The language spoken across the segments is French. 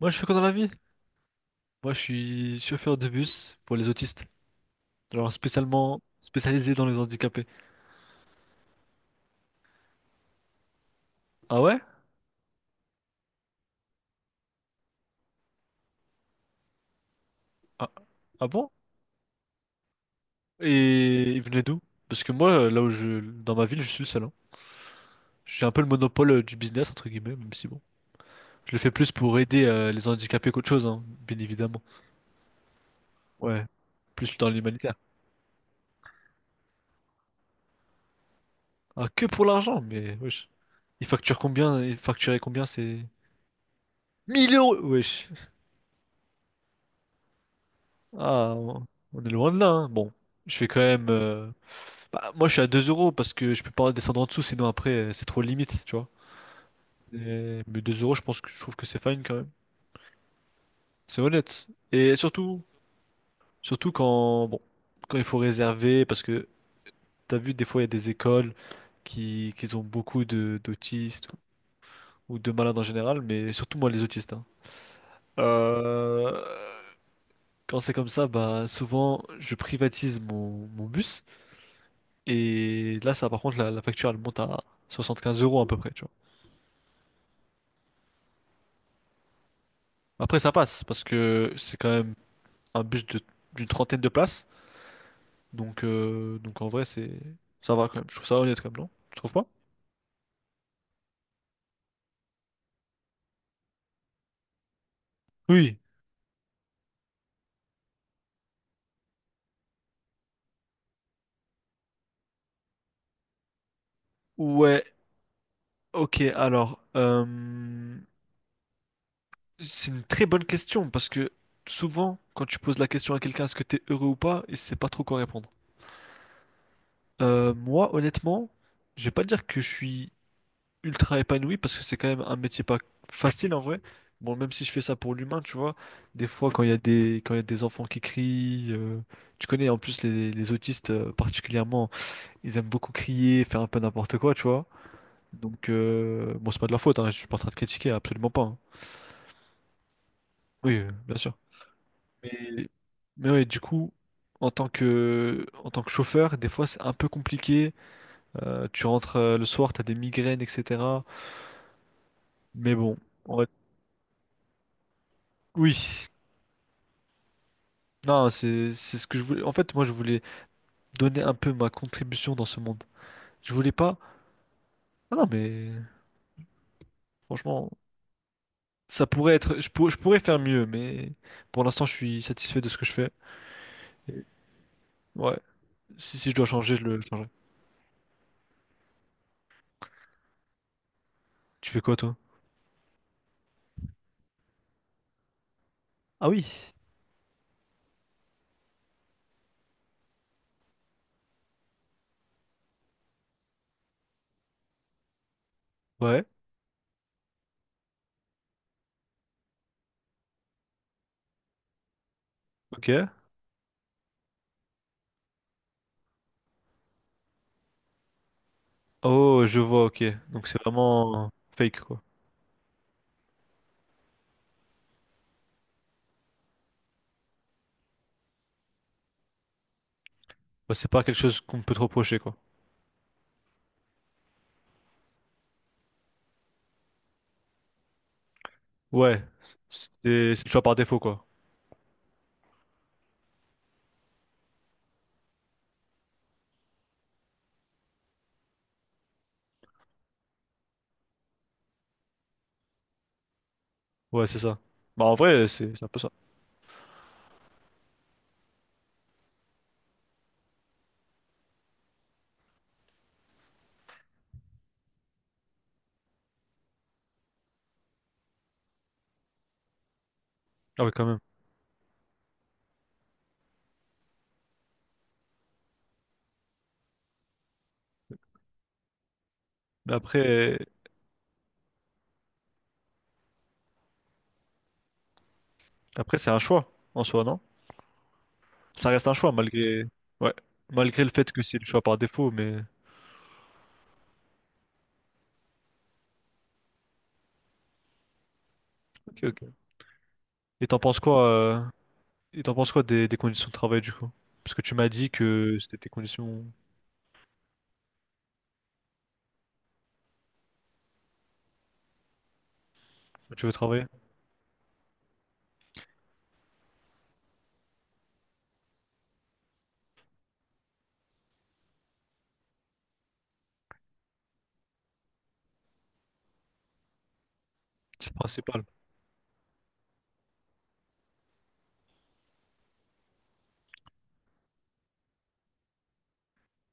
Moi, je fais quoi dans la vie? Moi, je suis chauffeur de bus pour les autistes. Alors, spécialement spécialisé dans les handicapés. Ah ouais? Ah, ah bon? Et ils venaient d'où? Parce que moi, dans ma ville, je suis le seul, hein. J'ai un peu le monopole du business, entre guillemets, même si bon. Je le fais plus pour aider les handicapés qu'autre chose, hein, bien évidemment. Ouais, plus dans l'humanitaire. Ah, que pour l'argent, mais wesh. Ils facturent combien? Ils facturaient combien? C'est 1 000 euros, wesh. Ah, on est loin de là, hein. Bon, je fais quand même. Bah, moi, je suis à 2 euros parce que je peux pas descendre en dessous, sinon après, c'est trop limite, tu vois. Mais 2 euros, je pense que je trouve que c'est fine quand même. C'est honnête. Et surtout quand, bon, quand il faut réserver, parce que t'as vu, des fois, il y a des écoles qui ont beaucoup de d'autistes ou de malades en général, mais surtout moi, les autistes, hein. Euh, quand c'est comme ça, bah, souvent, je privatise mon bus. Et là, ça, par contre, la facture, elle monte à 75 euros à peu près, tu Après, ça passe parce que c'est quand même un bus de d'une trentaine de places. Donc, en vrai, c'est ça va quand même. Je trouve ça honnête quand même, non? Tu trouves pas? Oui. Ouais, ok. Alors, c'est une très bonne question parce que souvent, quand tu poses la question à quelqu'un, est-ce que t'es heureux ou pas, il sait pas trop quoi répondre. Moi, honnêtement, je vais pas dire que je suis ultra épanoui parce que c'est quand même un métier pas facile en vrai. Bon, même si je fais ça pour l'humain, tu vois, des fois quand il y a des quand il y a des enfants qui crient, tu connais en plus les autistes particulièrement, ils aiment beaucoup crier, faire un peu n'importe quoi, tu vois. Donc bon, c'est pas de leur faute, hein, je suis pas en train de critiquer, absolument pas, hein. Oui, bien sûr. Mais mais ouais, du coup, en tant que chauffeur, des fois c'est un peu compliqué. Tu rentres le soir, t'as des migraines, etc. Mais bon, on va- oui. Non, c'est ce que je voulais. En fait, moi, je voulais donner un peu ma contribution dans ce monde. Je voulais pas. Ah non, mais franchement, ça pourrait être. Je pourrais faire mieux, mais pour l'instant, je suis satisfait de ce que je fais. Et Ouais. Si je dois changer, je le changerai. Tu fais quoi, toi? Ah oui. Ouais. Ok. Oh, je vois. Ok. Donc c'est vraiment fake, quoi. Ouais, c'est pas quelque chose qu'on peut te reprocher, quoi. Ouais. C'est le choix par défaut, quoi. Ouais, c'est ça. Bah en vrai, c'est un peu ça. Ah ouais, quand même. Mais après. Après, c'est un choix en soi, non? Ça reste un choix malgré ouais, malgré le fait que c'est le choix par défaut, mais ok, ok. Et t'en penses quoi et t'en penses quoi des conditions de travail du coup? Parce que tu m'as dit que c'était tes conditions où tu veux travailler, c'est le principal.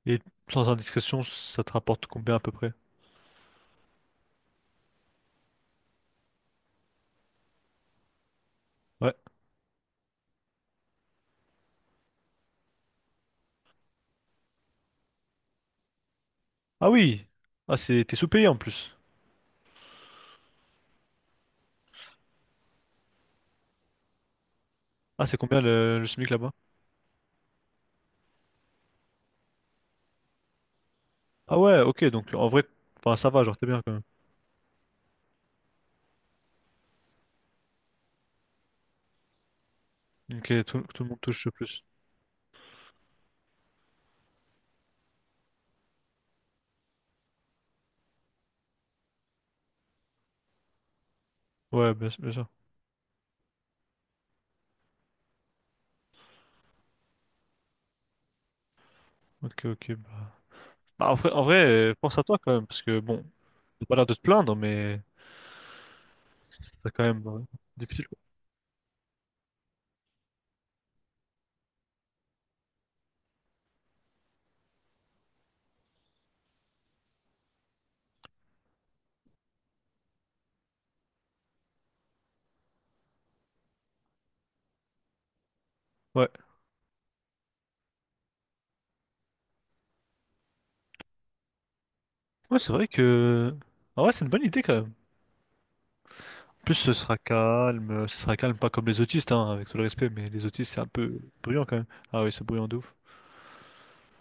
Et sans indiscrétion, ça te rapporte combien à peu près? Ouais. Ah oui. Ah, c'est t'es sous-payé en plus. Ah, c'est combien le SMIC là-bas? Ah ouais, ok, donc en vrai, enfin ça va, genre t'es bien quand même. Ok, tout le monde touche plus. Ouais, bien sûr. Ok, ok, bah. Bah, en vrai, pense à toi quand même, parce que bon, t'as pas l'air de te plaindre, mais c'est quand même difficile, quoi. Ouais. Ouais, c'est vrai que. Ah ouais, c'est une bonne idée quand même. En plus, ce sera calme, pas comme les autistes, hein, avec tout le respect, mais les autistes, c'est un peu bruyant quand même. Ah oui, c'est bruyant de ouf.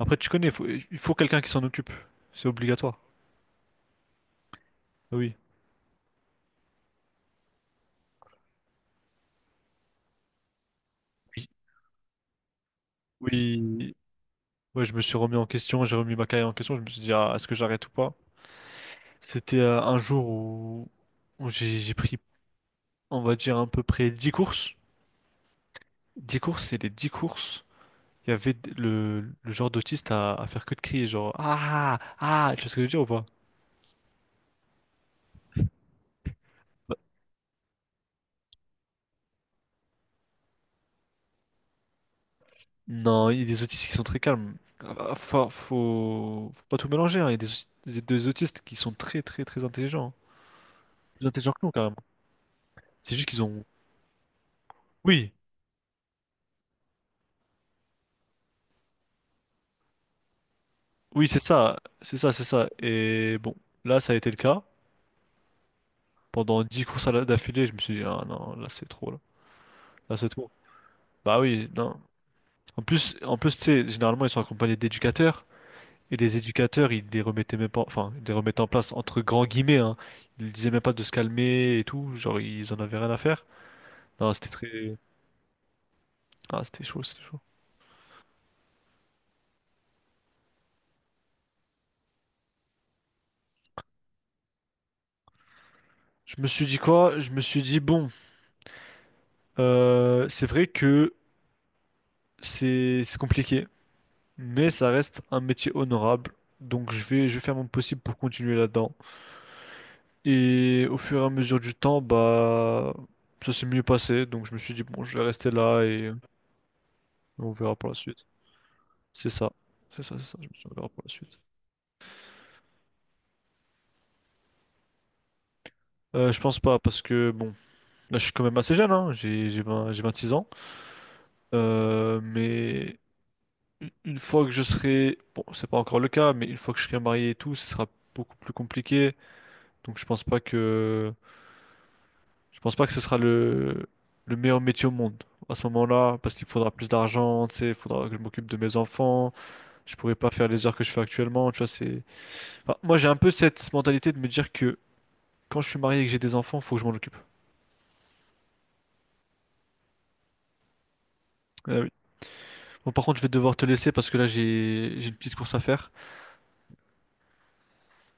Après, tu connais, il faut quelqu'un qui s'en occupe. C'est obligatoire. Ah, oui. Oui. Oui. Ouais, je me suis remis en question, j'ai remis ma carrière en question, je me suis dit, ah, est-ce que j'arrête ou pas? C'était un jour où j'ai pris, on va dire, à peu près 10 courses. 10 courses, et les 10 courses, il y avait le genre d'autiste à faire que de crier, genre Ah! Ah! Tu vois ce que je veux dire ou pas? Bah, non, il y a des autistes qui sont très calmes. Ah, faut pas tout mélanger, hein. Il y a des autistes qui sont très très très intelligents, hein. Plus intelligents que nous, carrément. C'est juste qu'ils ont. Oui, oui, c'est ça, c'est ça, c'est ça. Et bon, là, ça a été le cas. Pendant 10 courses d'affilée, je me suis dit, ah non, là, c'est trop, là. Là, c'est trop. Bah oui, non. En plus, tu sais, généralement, ils sont accompagnés d'éducateurs. Et les éducateurs, ils les remettaient même pas, enfin, ils les remettaient en place entre grands guillemets, hein. Ils disaient même pas de se calmer et tout, genre ils en avaient rien à faire. Non, c'était très, ah, c'était chaud, c'était chaud. Je me suis dit quoi? Je me suis dit bon, c'est vrai que c'est compliqué, mais ça reste un métier honorable, donc je vais faire mon possible pour continuer là-dedans. Et au fur et à mesure du temps, bah ça s'est mieux passé, donc je me suis dit bon, je vais rester là et on verra pour la suite. C'est ça, c'est ça, c'est ça. Je me suis dit, on verra pour la suite. Je pense pas, parce que bon, là je suis quand même assez jeune, hein, j'ai 20 j'ai 26 ans. Mais une fois que je serai, bon, c'est pas encore le cas, mais une fois que je serai marié et tout, ce sera beaucoup plus compliqué. Donc je pense pas que ce sera le meilleur métier au monde à ce moment-là, parce qu'il faudra plus d'argent, tu sais, il faudra que je m'occupe de mes enfants. Je pourrai pas faire les heures que je fais actuellement, tu vois. Enfin, moi j'ai un peu cette mentalité de me dire que quand je suis marié et que j'ai des enfants, faut que je m'en occupe. Euh, Bon, par contre, je vais devoir te laisser parce que là, j'ai une petite course à faire.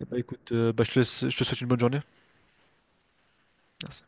Y Bah écoute, bah, je te laisse, je te souhaite une bonne journée. Merci.